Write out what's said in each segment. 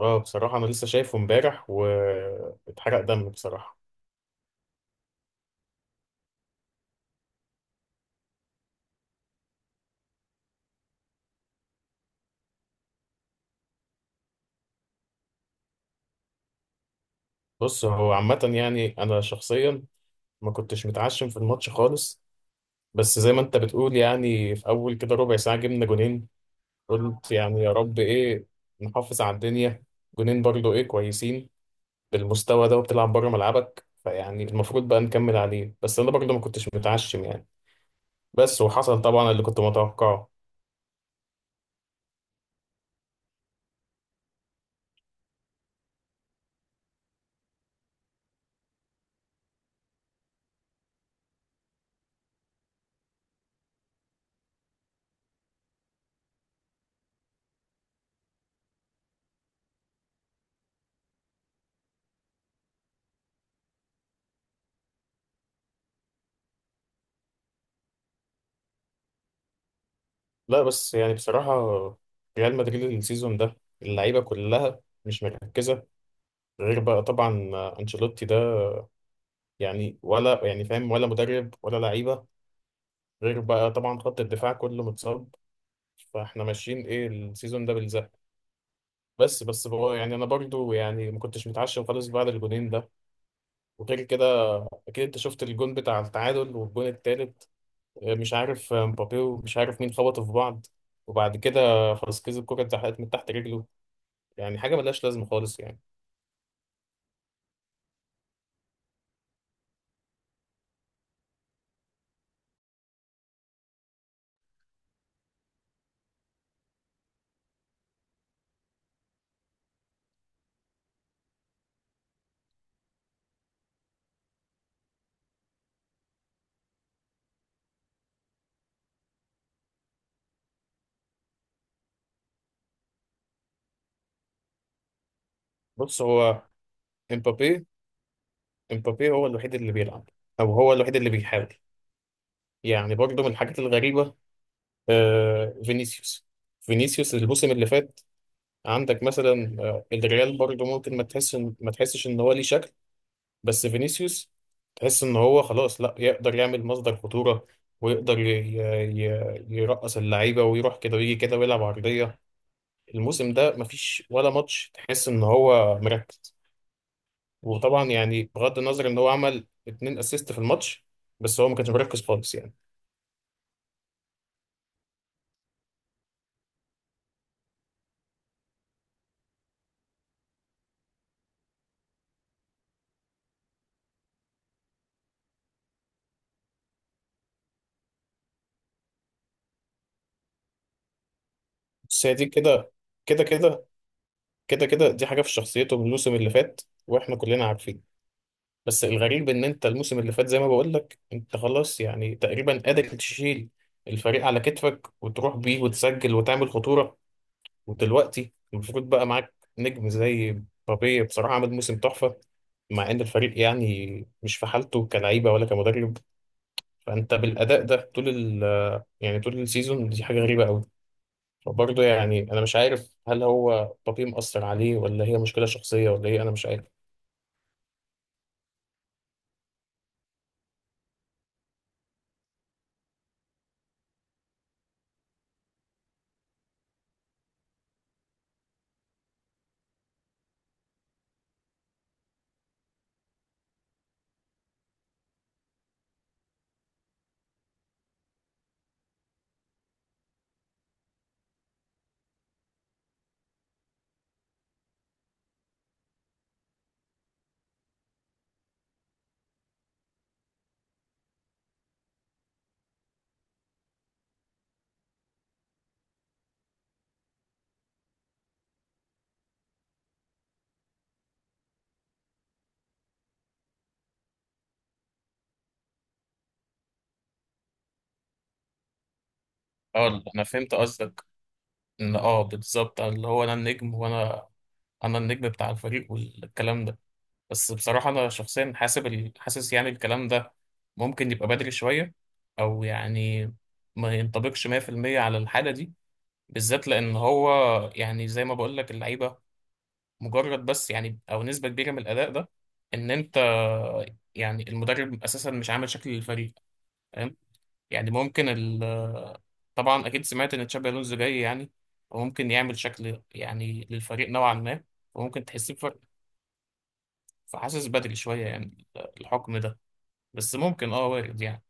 اه بصراحة أنا لسه شايفه امبارح واتحرق دم بصراحة. بص هو عامة، يعني أنا شخصيا ما كنتش متعشم في الماتش خالص. بس زي ما أنت بتقول يعني في أول كده ربع ساعة جبنا جونين. قلت يعني يا رب إيه، نحافظ على الدنيا. جونين برضو إيه كويسين، بالمستوى ده وبتلعب بره ملعبك فيعني المفروض بقى نكمل عليه، بس أنا برضو ما كنتش متعشم يعني. بس وحصل طبعا اللي كنت متوقعه. لا بس يعني بصراحة، ريال مدريد السيزون ده اللعيبة كلها مش مركزة، غير بقى طبعا أنشيلوتي ده، يعني ولا يعني فاهم ولا مدرب ولا لعيبة، غير بقى طبعا خط الدفاع كله متصاب، فاحنا ماشيين ايه السيزون ده بالزق. بس بقى، يعني انا برضو يعني ما كنتش متعشم خالص بعد الجونين ده. وغير كده، اكيد انت شفت الجون بتاع التعادل والجون التالت. مش عارف مبابي ومش عارف مين خبطوا في بعض، وبعد كده خلاص كذا الكرة اتزحلقت من تحت رجله، يعني حاجه ملهاش لازمه خالص يعني. بص هو، امبابي امبابي هو الوحيد اللي بيلعب، او هو الوحيد اللي بيحاول. يعني برضه من الحاجات الغريبه، آه فينيسيوس فينيسيوس الموسم اللي فات، عندك مثلا الريال برضه ممكن ما تحسش ان هو ليه شكل. بس فينيسيوس تحس ان هو خلاص لا يقدر يعمل مصدر خطوره، ويقدر يرقص اللعيبه ويروح كده ويجي كده ويلعب عرضيه. الموسم ده مفيش ولا ماتش تحس ان هو مركز، وطبعا يعني بغض النظر ان هو عمل اتنين اسيست في الماتش، بس هو ما كانش مركز خالص يعني. بس هي دي كده كده كده كده كده، دي حاجه في شخصيته من الموسم اللي فات واحنا كلنا عارفين. بس الغريب ان انت الموسم اللي فات زي ما بقول لك انت خلاص يعني تقريبا قادر تشيل الفريق على كتفك وتروح بيه وتسجل وتعمل خطوره. ودلوقتي المفروض بقى معاك نجم زي مبابي، بصراحه عمل موسم تحفه، مع ان الفريق يعني مش في حالته كلعيبه ولا كمدرب. فانت بالاداء ده طول ال يعني طول السيزون دي حاجه غريبه قوي. فبرضه يعني انا مش عارف هل هو بابي مأثر عليه ولا هي مشكله شخصيه ولا ايه، انا مش عارف. اه انا فهمت قصدك، ان بالظبط اللي هو انا النجم، وانا النجم بتاع الفريق والكلام ده. بس بصراحه انا شخصيا حاسس يعني الكلام ده ممكن يبقى بدري شويه، او يعني ما ينطبقش 100% على الحاله دي، بالذات لان هو يعني زي ما بقول لك اللعيبه. مجرد بس يعني او نسبه كبيره من الاداء ده ان انت يعني المدرب اساسا مش عامل شكل للفريق، فاهم؟ يعني ممكن ال طبعا اكيد سمعت ان تشابي الونزو جاي يعني، وممكن يعمل شكل يعني للفريق نوعا ما، وممكن تحس بفرق. فحاسس بدري شويه يعني الحكم ده، بس ممكن وارد يعني.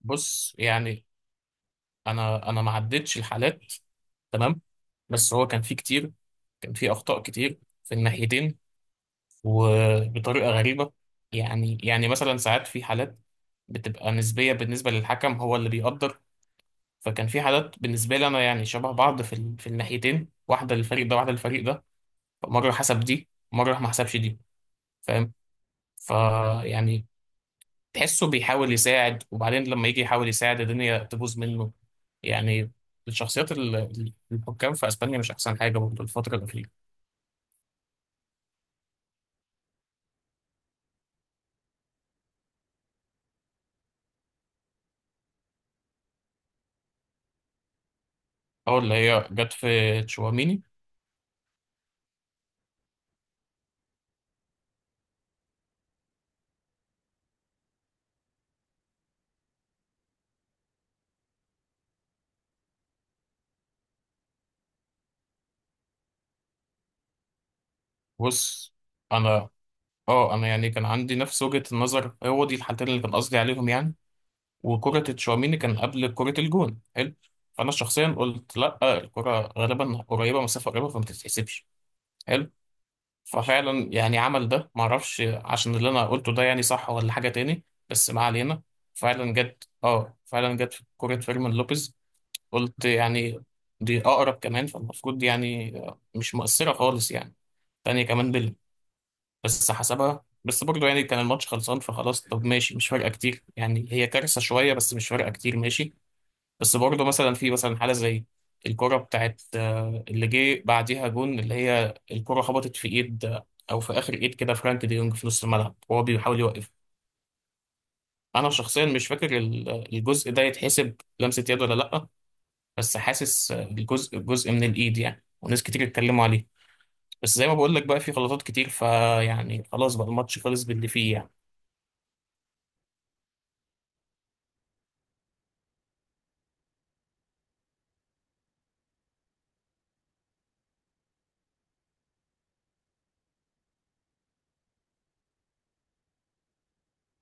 بص يعني انا ما عدتش الحالات، تمام، بس هو كان في اخطاء كتير في الناحيتين وبطريقة غريبة. يعني مثلا ساعات في حالات بتبقى نسبية بالنسبة للحكم، هو اللي بيقدر. فكان في حالات بالنسبة لي أنا يعني شبه بعض في الناحيتين، واحدة للفريق ده واحدة للفريق ده، مرة حسب دي مرة ما حسبش دي، فاهم؟ فيعني تحسه بيحاول يساعد، وبعدين لما يجي يحاول يساعد الدنيا تبوظ منه يعني. الشخصيات الحكام في اسبانيا مش احسن حاجه برضه الفتره الاخيره. اول اللي هي جت في تشواميني. بص انا اه انا يعني كان عندي نفس وجهة النظر، هو دي الحالتين اللي كان قصدي عليهم يعني. وكرة تشواميني كان قبل كرة الجون، حلو، فانا شخصيا قلت لا الكرة غالبا قريبة، مسافة قريبة، فما تتحسبش، حلو. ففعلا يعني عمل ده، معرفش عشان اللي انا قلته ده يعني صح ولا حاجة تاني، بس ما علينا. فعلا جت في كرة فيرمين لوبيز، قلت يعني دي اقرب كمان فالمفروض دي يعني مش مؤثرة خالص يعني، تانية كمان، بس حسبها. بس برضه يعني كان الماتش خلصان فخلاص، طب ماشي، مش فارقه كتير، يعني هي كارثه شويه بس مش فارقه كتير، ماشي. بس برضه في مثلا حاله زي الكره بتاعت اللي جه بعديها جون، اللي هي الكره خبطت في ايد، او في اخر ايد كده، فرانك دي يونج في نص الملعب وهو بيحاول يوقف. انا شخصيا مش فاكر الجزء ده يتحسب لمسه يد ولا لا، بس حاسس جزء من الايد يعني، وناس كتير اتكلموا عليه، بس زي ما بقول لك بقى في غلطات كتير فيعني خلاص بقى الماتش خلص باللي فيه يعني.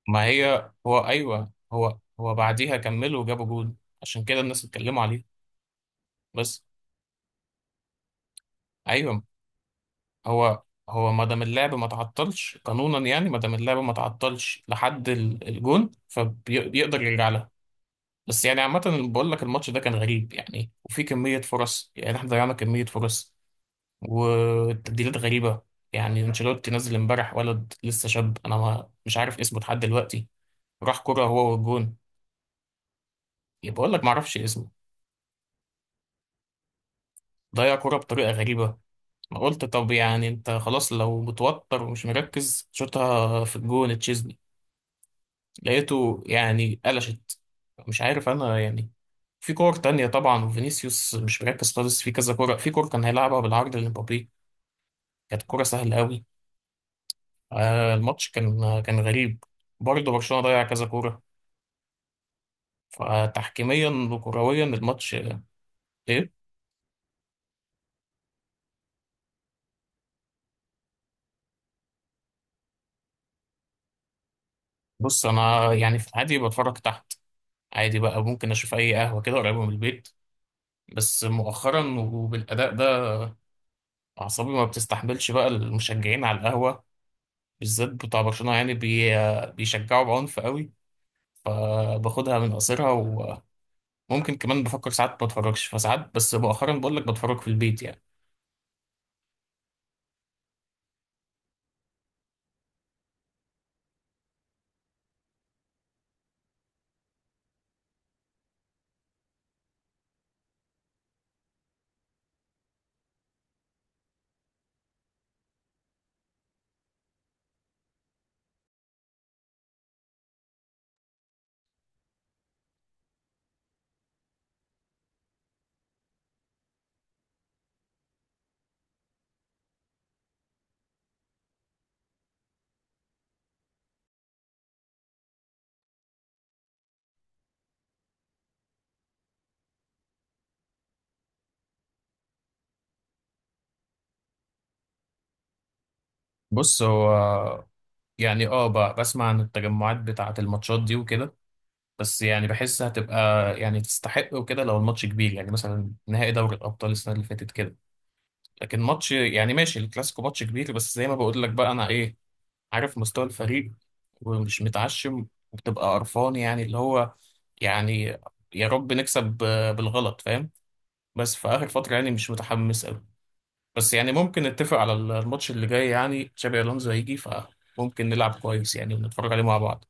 ما هي هو ايوه، هو بعديها كملوا وجابوا جول، عشان كده الناس اتكلموا عليه. بس ايوه، هو هو ما دام اللعب ما تعطلش قانونا يعني، ما دام اللعب ما تعطلش لحد الجون فبيقدر يرجع لها. بس يعني عامة بقول لك الماتش ده كان غريب يعني، وفي كمية فرص، يعني احنا ضيعنا كمية فرص، والتبديلات غريبة. يعني انشيلوتي نزل امبارح ولد لسه شاب، انا ما مش عارف اسمه لحد دلوقتي، راح كرة هو والجون، بقول لك ما اعرفش اسمه، ضيع كرة بطريقة غريبة، ما قلت طب يعني انت خلاص لو متوتر ومش مركز شوطها في الجون تشيزني، لقيته يعني قلشت، مش عارف انا يعني. في كور تانية طبعا، وفينيسيوس مش مركز خالص في كذا كورة، في كور كان هيلعبها بالعرض لمبابي، كانت كورة سهلة قوي. الماتش كان غريب، برضه برشلونة ضيع كذا كورة، فتحكيميا وكرويا الماتش ايه؟ بص انا يعني في العادي بتفرج تحت عادي بقى، ممكن اشوف اي قهوة كده قريبة من البيت، بس مؤخرا وبالاداء ده أعصابي ما بتستحملش بقى المشجعين على القهوة، بالذات بتاع برشلونة، يعني بيشجعوا بعنف قوي، فباخدها من قصيرها، وممكن كمان بفكر ساعات ما اتفرجش فساعات، بس مؤخرا بقول لك بتفرج في البيت يعني. بص هو يعني بسمع عن التجمعات بتاعة الماتشات دي وكده، بس يعني بحس هتبقى، يعني تستحق وكده لو الماتش كبير، يعني مثلا نهائي دوري الأبطال السنة اللي فاتت كده. لكن ماتش يعني ماشي، الكلاسيكو ماتش كبير، بس زي ما بقول لك بقى أنا إيه عارف مستوى الفريق، ومش متعشم، وبتبقى قرفان يعني اللي هو يعني يا رب نكسب بالغلط، فاهم؟ بس في آخر فترة يعني مش متحمس قوي، بس يعني ممكن نتفق على الماتش اللي جاي يعني تشابي ألونزو هيجي فممكن نلعب كويس يعني ونتفرج عليه مع بعض.